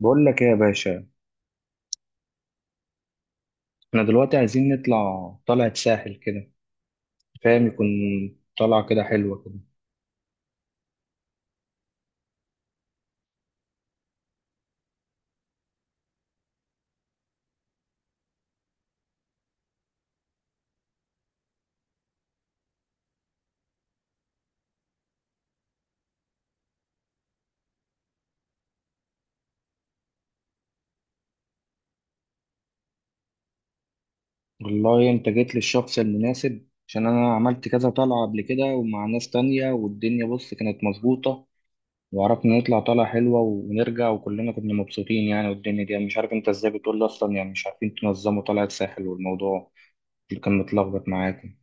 بقول لك ايه يا باشا؟ احنا دلوقتي عايزين نطلع طلعة ساحل كده، فاهم يكون طلعة كده حلوة كده. والله انت جيت للشخص المناسب عشان انا عملت كذا طلعة قبل كده ومع ناس تانية، والدنيا بص كانت مظبوطة وعرفنا نطلع طلعة حلوة ونرجع وكلنا كنا مبسوطين يعني. والدنيا دي أنا مش عارف انت ازاي بتقول لي اصلا، يعني مش عارفين تنظموا طلعة ساحل والموضوع اللي كان متلخبط معاكم.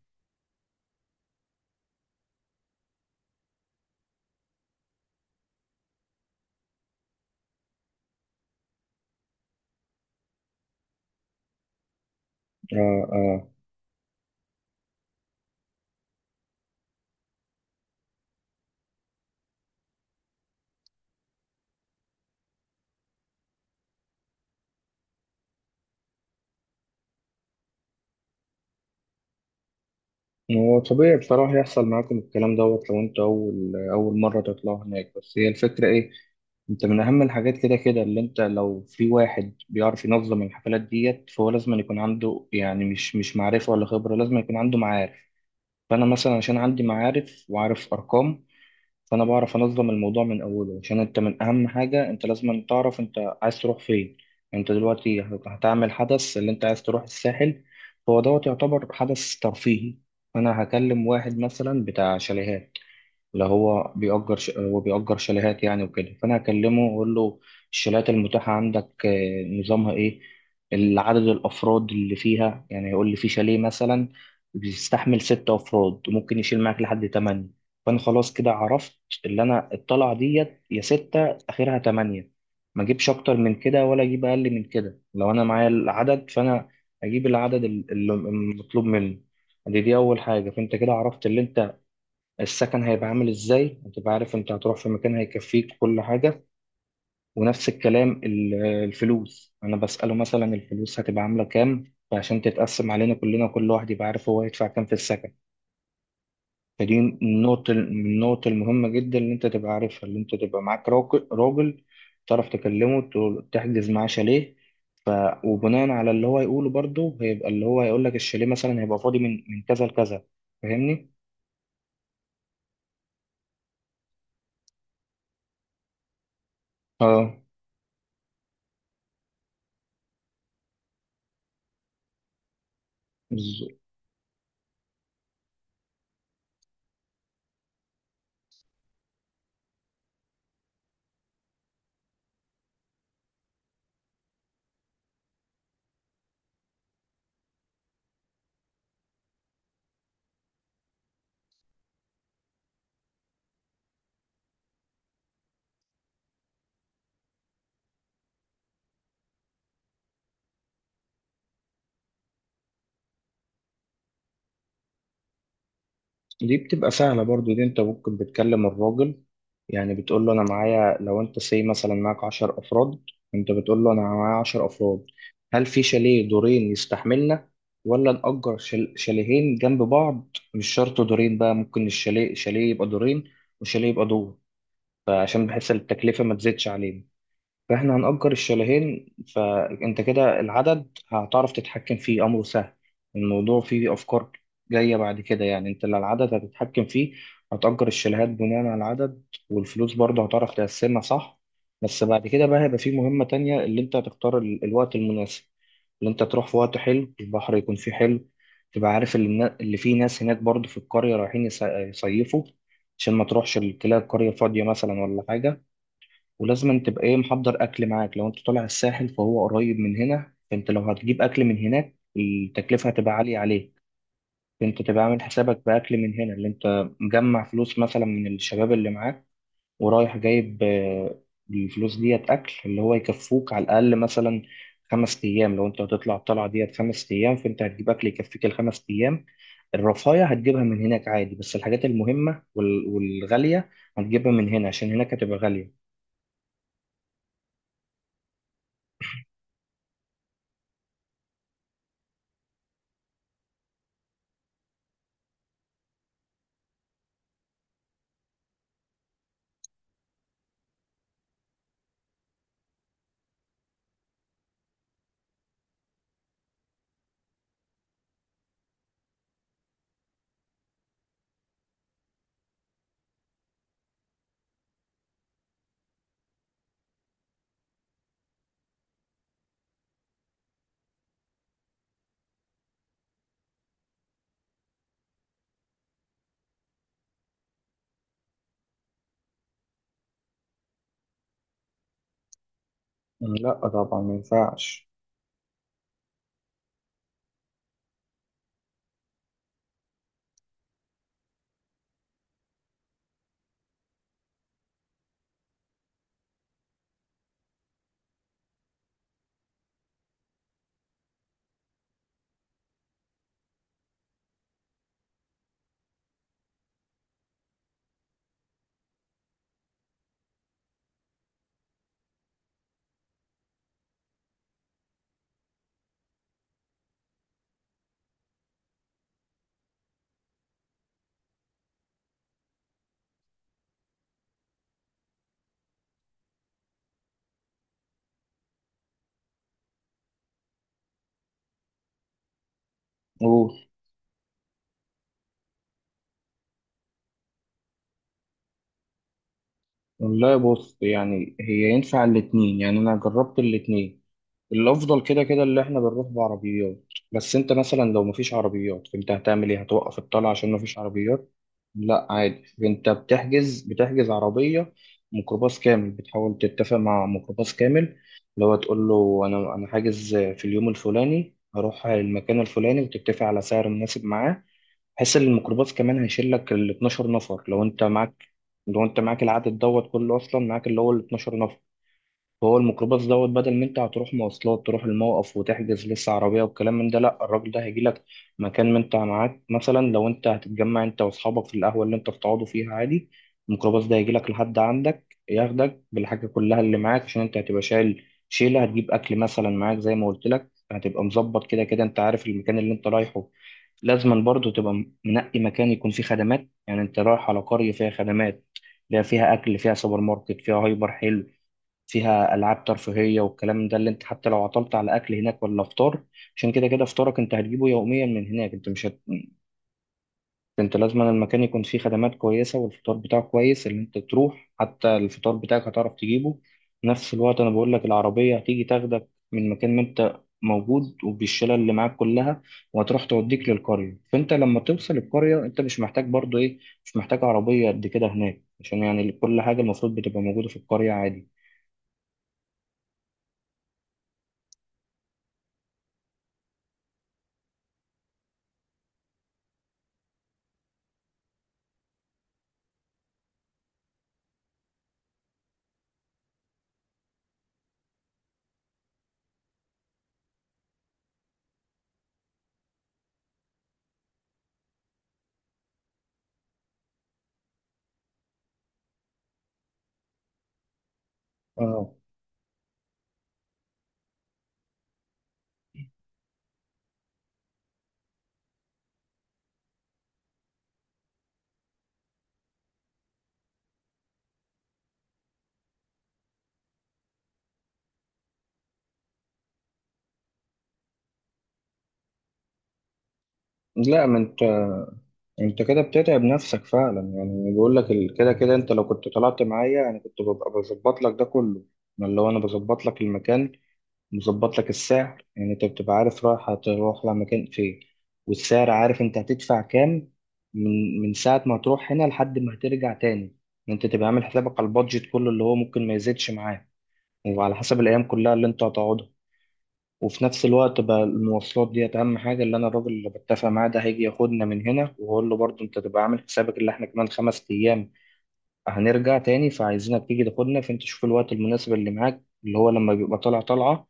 اه. آه. هو طبيعي بصراحة يحصل معاكم الكلام دوت لو انت أول مرة تطلع هناك، بس هي الفكرة إيه. انت من أهم الحاجات كده كده، اللي انت لو في واحد بيعرف ينظم الحفلات ديت فهو لازم أن يكون عنده، يعني مش معرفة ولا خبرة، لازم يكون عنده معارف. فأنا مثلا عشان عندي معارف وعارف أرقام، فانا بعرف انظم الموضوع من اوله. عشان انت من اهم حاجه انت لازم تعرف انت عايز تروح فين. انت دلوقتي هتعمل حدث، اللي انت عايز تروح الساحل، هو دوت يعتبر حدث ترفيهي. انا هكلم واحد مثلا بتاع شاليهات، اللي هو هو بيأجر شاليهات يعني وكده، فأنا أكلمه وأقول له الشاليهات المتاحة عندك نظامها إيه. العدد الأفراد اللي فيها يعني، يقول لي في شاليه مثلا بيستحمل 6 أفراد وممكن يشيل معاك لحد 8. فأنا خلاص كده عرفت اللي أنا الطلعة ديت يا 6 آخرها 8. ما أجيبش أكتر من كده ولا أجيب أقل من كده لو أنا معايا العدد. فأنا أجيب العدد اللي المطلوب مني. دي أول حاجة. فأنت كده عرفت اللي أنت السكن هيبقى عامل ازاي، هتبقى عارف انت هتروح في مكان هيكفيك كل حاجة. ونفس الكلام الفلوس انا بسأله مثلا الفلوس هتبقى عاملة كام، فعشان تتقسم علينا كلنا كل واحد يبقى عارف هو هيدفع كام في السكن. فدي النقطة المهمة جدا اللي انت تبقى عارفها، اللي انت تبقى معاك راجل راجل تعرف تكلمه تحجز معاه شاليه. ف... وبناء على اللي هو يقوله برضه هيبقى اللي هو هيقول لك الشاليه مثلا هيبقى فاضي من كذا لكذا. فاهمني؟ اه. دي بتبقى سهلة برضو، دي انت ممكن بتكلم الراجل، يعني بتقول له انا معايا لو انت سي مثلا معاك 10 افراد، انت بتقول له انا معايا 10 افراد، هل في شاليه دورين يستحملنا ولا نأجر شاليهين جنب بعض. مش شرط دورين بقى، ممكن الشاليه يبقى دورين وشاليه يبقى دور، فعشان بحيث التكلفة ما تزيدش علينا. فاحنا هنأجر الشاليهين. فانت كده العدد هتعرف تتحكم فيه، امره سهل. الموضوع فيه افكار جاية بعد كده، يعني انت اللي العدد هتتحكم فيه، هتأجر الشاليهات بناء على العدد، والفلوس برضه هتعرف تقسمها صح. بس بعد كده بقى هيبقى فيه مهمة تانية اللي انت هتختار الوقت المناسب، اللي انت تروح في وقت حلو البحر يكون فيه حلو، تبقى عارف اللي فيه ناس هناك برضه في القرية رايحين يصيفوا، عشان ما تروحش تلاقي القرية فاضية مثلا ولا حاجة. ولازم أن تبقى ايه محضر اكل معاك، لو انت طالع الساحل فهو قريب من هنا، فانت لو هتجيب اكل من هناك التكلفة هتبقى عالية عليك. فانت تبقى عامل حسابك باكل من هنا اللي انت مجمع فلوس مثلا من الشباب اللي معاك، ورايح جايب الفلوس ديت اكل اللي هو يكفوك على الاقل مثلا 5 ايام. لو انت هتطلع الطلعة ديت 5 ايام فانت هتجيب اكل يكفيك ال 5 ايام. الرفاهية هتجيبها من هناك عادي، بس الحاجات المهمة والغالية هتجيبها من هنا عشان هناك هتبقى غالية. لا طبعا ما ينفعش. قول. والله بص، يعني هي ينفع الاتنين، يعني انا جربت الاتنين، الافضل كده كده اللي احنا بنروح بعربيات. بس انت مثلا لو مفيش عربيات انت هتعمل ايه، هتوقف الطلعه عشان مفيش عربيات؟ لا عادي انت بتحجز عربيه ميكروباص كامل، بتحاول تتفق مع ميكروباص كامل، لو هتقول له انا حاجز في اليوم الفلاني هروح المكان الفلاني، وتتفق على سعر مناسب معاه، بحيث ان الميكروباص كمان هيشيل لك ال 12 نفر لو انت معاك، لو انت معاك العدد دوت كله اصلا معاك اللي هو ال 12 نفر. هو الميكروباص دوت بدل ما انت هتروح مواصلات تروح الموقف وتحجز لسه عربية والكلام من ده، لا الراجل ده هيجيلك مكان ما انت معاك، مثلا لو انت هتتجمع انت واصحابك في القهوة اللي انت بتقعدوا فيها عادي، الميكروباص ده هيجيلك لحد عندك ياخدك بالحاجة كلها اللي معاك عشان انت هتبقى شايل شيلة، هتجيب أكل مثلا معاك زي ما قلت لك، هتبقى مظبط كده كده، انت عارف المكان اللي انت رايحه. لازما برضه تبقى منقي مكان يكون فيه خدمات، يعني انت رايح على قرية فيها خدمات، لا فيها أكل فيها سوبر ماركت فيها هايبر حلو، فيها العاب ترفيهيه والكلام ده، اللي انت حتى لو عطلت على اكل هناك ولا فطار، عشان كده كده فطارك انت هتجيبه يوميا من هناك، انت مش هت... انت لازم المكان يكون فيه خدمات كويسه والفطار بتاعه كويس، اللي انت تروح حتى الفطار بتاعك هتعرف تجيبه. نفس الوقت انا بقول لك العربيه هتيجي تاخدك من مكان ما انت موجود وبالشلة اللي معاك كلها، وهتروح توديك للقرية. فانت لما توصل القرية انت مش محتاج برضو ايه، مش محتاج عربية قد كده هناك، عشان يعني كل حاجة المفروض بتبقى موجودة في القرية عادي. اه. لا ما انت كده بتتعب نفسك فعلا يعني، بقول لك كده كده انت لو كنت طلعت معايا انا كنت ببقى بظبط لك ده كله، انا اللي هو انا بظبط لك المكان، مظبط لك السعر، يعني انت بتبقى عارف رايح هتروح لمكان فين، والسعر عارف انت هتدفع كام، من ساعة ما هتروح هنا لحد ما هترجع تاني. يعني انت تبقى عامل حسابك على البادجت كله اللي هو ممكن ما يزيدش معاه، وعلى حسب الايام كلها اللي انت هتقعدها. وفي نفس الوقت بقى المواصلات ديت أهم حاجة، اللي أنا الراجل اللي بتفق معاه ده هيجي ياخدنا من هنا، وأقول له برضه أنت تبقى عامل حسابك اللي إحنا كمان 5 أيام هنرجع تاني، فعايزينك تيجي تاخدنا، فأنت شوف الوقت المناسب اللي معاك اللي هو لما بيبقى طالع طالعة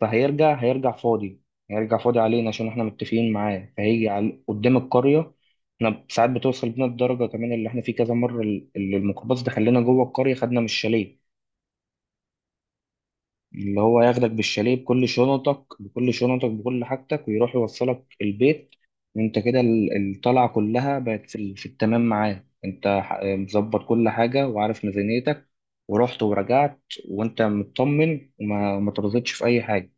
فهيرجع، هيرجع فاضي هيرجع فاضي علينا عشان إحنا متفقين معاه، فهيجي على قدام القرية. إحنا ساعات بتوصل بينا الدرجة كمان اللي إحنا فيه كذا مرة اللي الميكروباص ده خلينا جوه القرية خدنا من الشاليه، اللي هو ياخدك بالشاليه بكل شنطك بكل حاجتك ويروح يوصلك البيت. وانت كده الطلعة كلها بقت في التمام معاه، انت مظبط كل حاجة وعارف ميزانيتك، ورحت ورجعت وانت مطمن وما ترضتش في اي حاجة.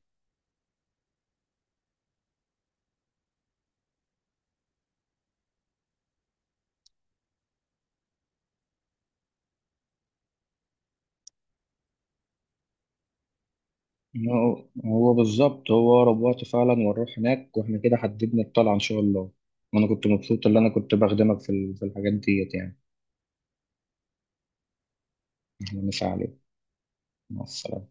هو بالظبط، هو أقرب وقت فعلا ونروح هناك، واحنا كده حددنا الطلعة إن شاء الله. وأنا كنت مبسوط إن أنا كنت بخدمك في في الحاجات ديت يعني. إحنا مسا عليك. مع السلامة.